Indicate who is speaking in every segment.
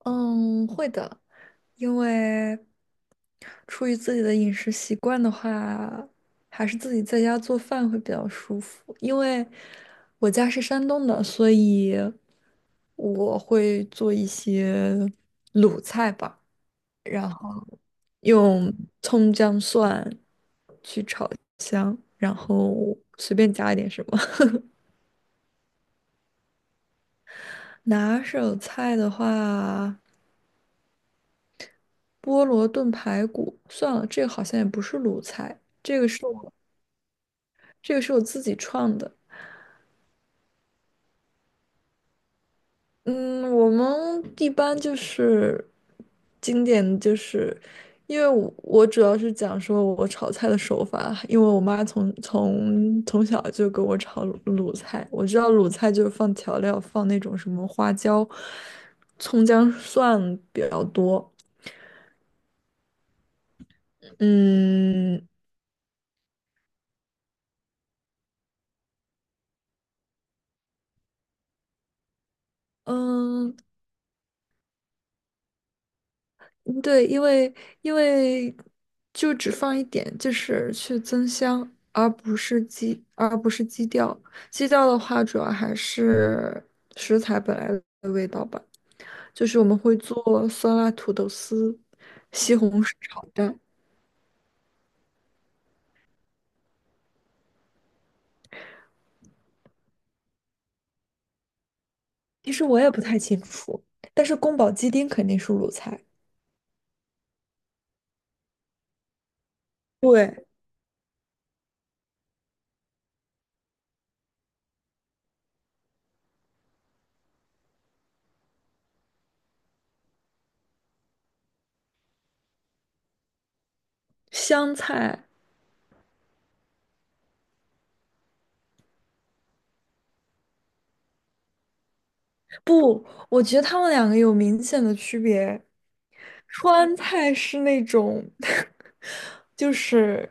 Speaker 1: 嗯，会的，因为出于自己的饮食习惯的话，还是自己在家做饭会比较舒服。因为我家是山东的，所以我会做一些鲁菜吧，用葱姜蒜去炒香，然后随便加一点什么。拿手菜的话，菠萝炖排骨，算了，这个好像也不是鲁菜，这个是。这个是我自己创的。嗯，我们一般就是经典，就是因为我主要是讲说我炒菜的手法，因为我妈从小就给我炒卤菜，我知道卤菜就是放调料，放那种什么花椒、葱姜蒜比较多。嗯嗯，嗯对，因为因为就只放一点，就是去增香，而不是基调。基调的话，主要还是食材本来的味道吧。就是我们会做酸辣土豆丝、西红柿炒蛋，其实我也不太清楚，但是宫保鸡丁肯定是鲁菜。对，香菜，不，我觉得他们两个有明显的区别。川菜是那种，就是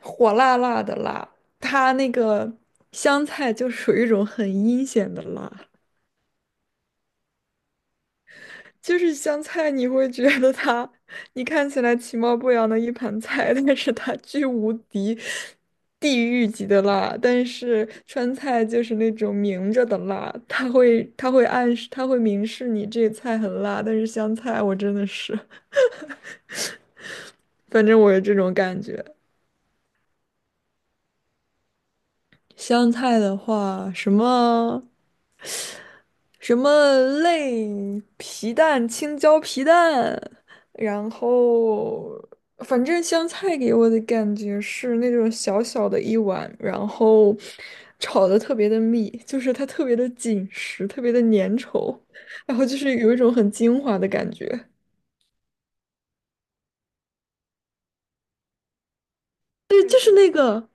Speaker 1: 火辣辣的辣，它那个湘菜就属于一种很阴险的辣。就是香菜，你会觉得它，你看起来其貌不扬的一盘菜，但是它巨无敌地狱级的辣。但是川菜就是那种明着的辣，它会暗示，它会明示你这菜很辣。但是香菜，我真的是，反正我有这种感觉。香菜的话，什么？什么类皮蛋、青椒皮蛋，然后反正香菜给我的感觉是那种小小的一碗，然后炒的特别的密，就是它特别的紧实，特别的粘稠，然后就是有一种很精华的感觉。就是那个，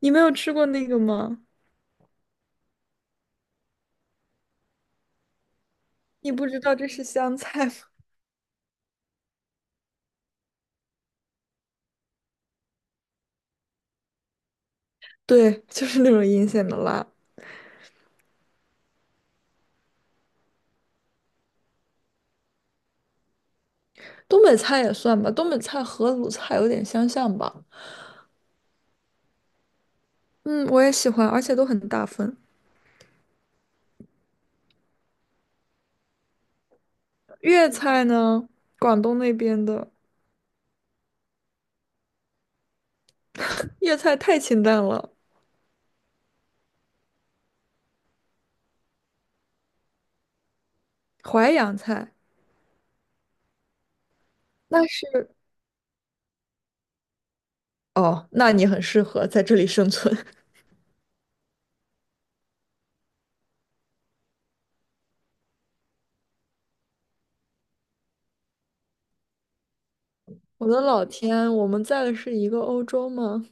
Speaker 1: 你没有吃过那个吗？你不知道这是香菜吗？对，就是那种阴险的辣。东北菜也算吧，东北菜和鲁菜有点相像吧。嗯，我也喜欢，而且都很大份。粤菜呢，广东那边的粤菜太清淡了，淮扬菜那是哦，那你很适合在这里生存。我的老天，我们在的是一个欧洲吗？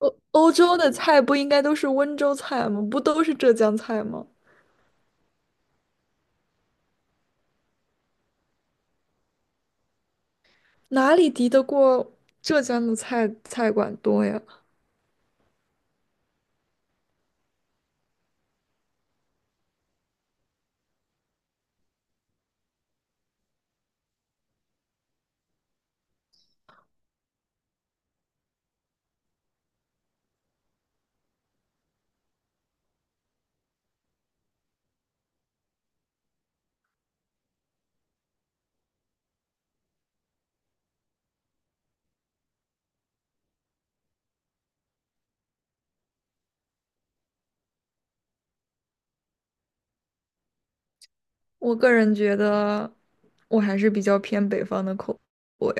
Speaker 1: 欧洲的菜不应该都是温州菜吗？不都是浙江菜吗？哪里敌得过浙江的菜馆多呀？我个人觉得，我还是比较偏北方的口味。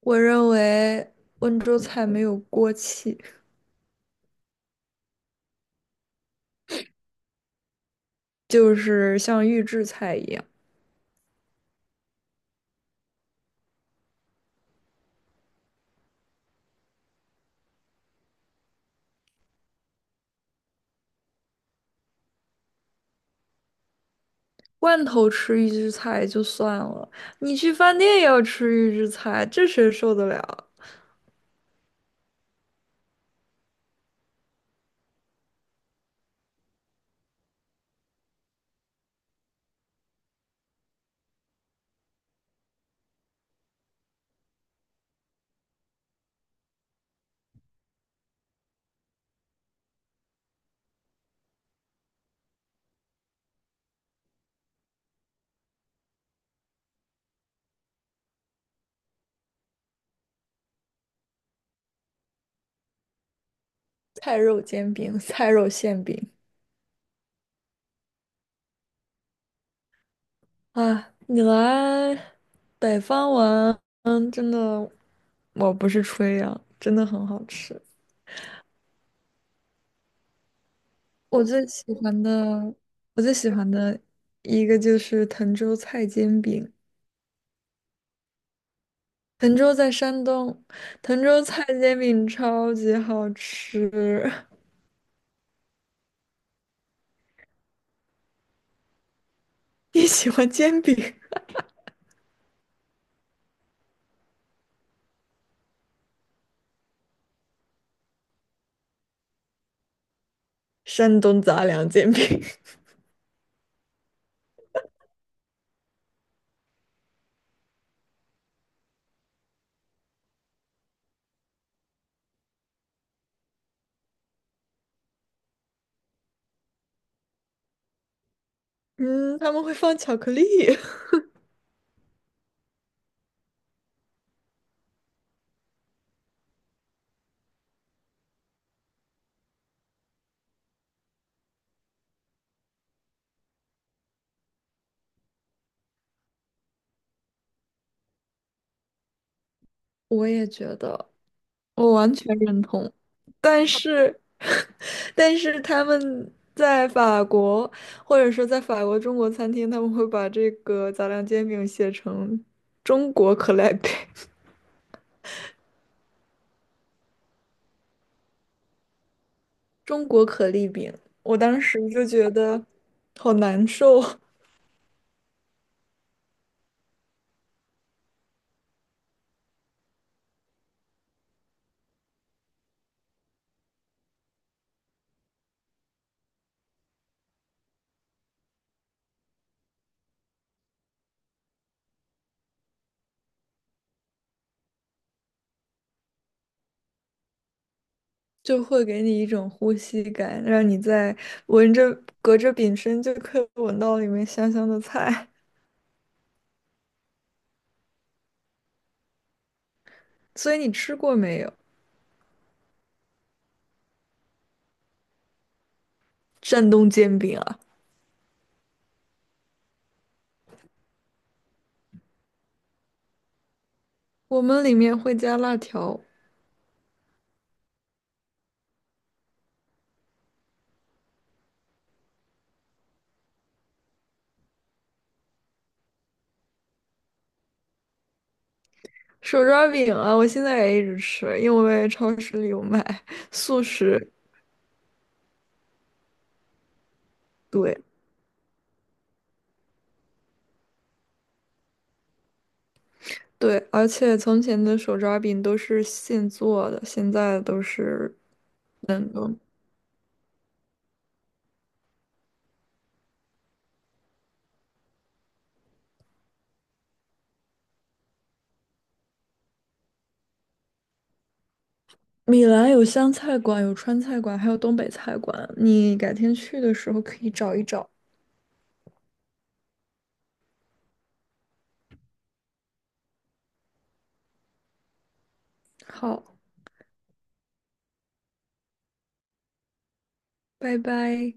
Speaker 1: 我认为温州菜没有锅气，就是像预制菜一样，罐头吃预制菜就算了，你去饭店也要吃预制菜，这谁受得了？菜肉煎饼、菜肉馅饼啊！你来北方玩，嗯，真的，我不是吹啊，真的很好吃。我最喜欢的，我最喜欢的一个就是滕州菜煎饼。滕州在山东，滕州菜煎饼超级好吃。你喜欢煎饼？山东杂粮煎饼，嗯，他们会放巧克力。我也觉得，我完全认同。但是，但是他们在法国，或者说在法国中国餐厅，他们会把这个杂粮煎饼写成中国可丽饼，中国可丽饼。我当时就觉得好难受。就会给你一种呼吸感，让你在闻着隔着饼身就可以闻到里面香香的菜。所以你吃过没有？山东煎饼啊，我们里面会加辣条。手抓饼啊，我现在也一直吃，因为超市里有卖速食。对对，而且从前的手抓饼都是现做的，现在都是冷冻。米兰有湘菜馆，有川菜馆，还有东北菜馆。你改天去的时候可以找一找。好，拜拜。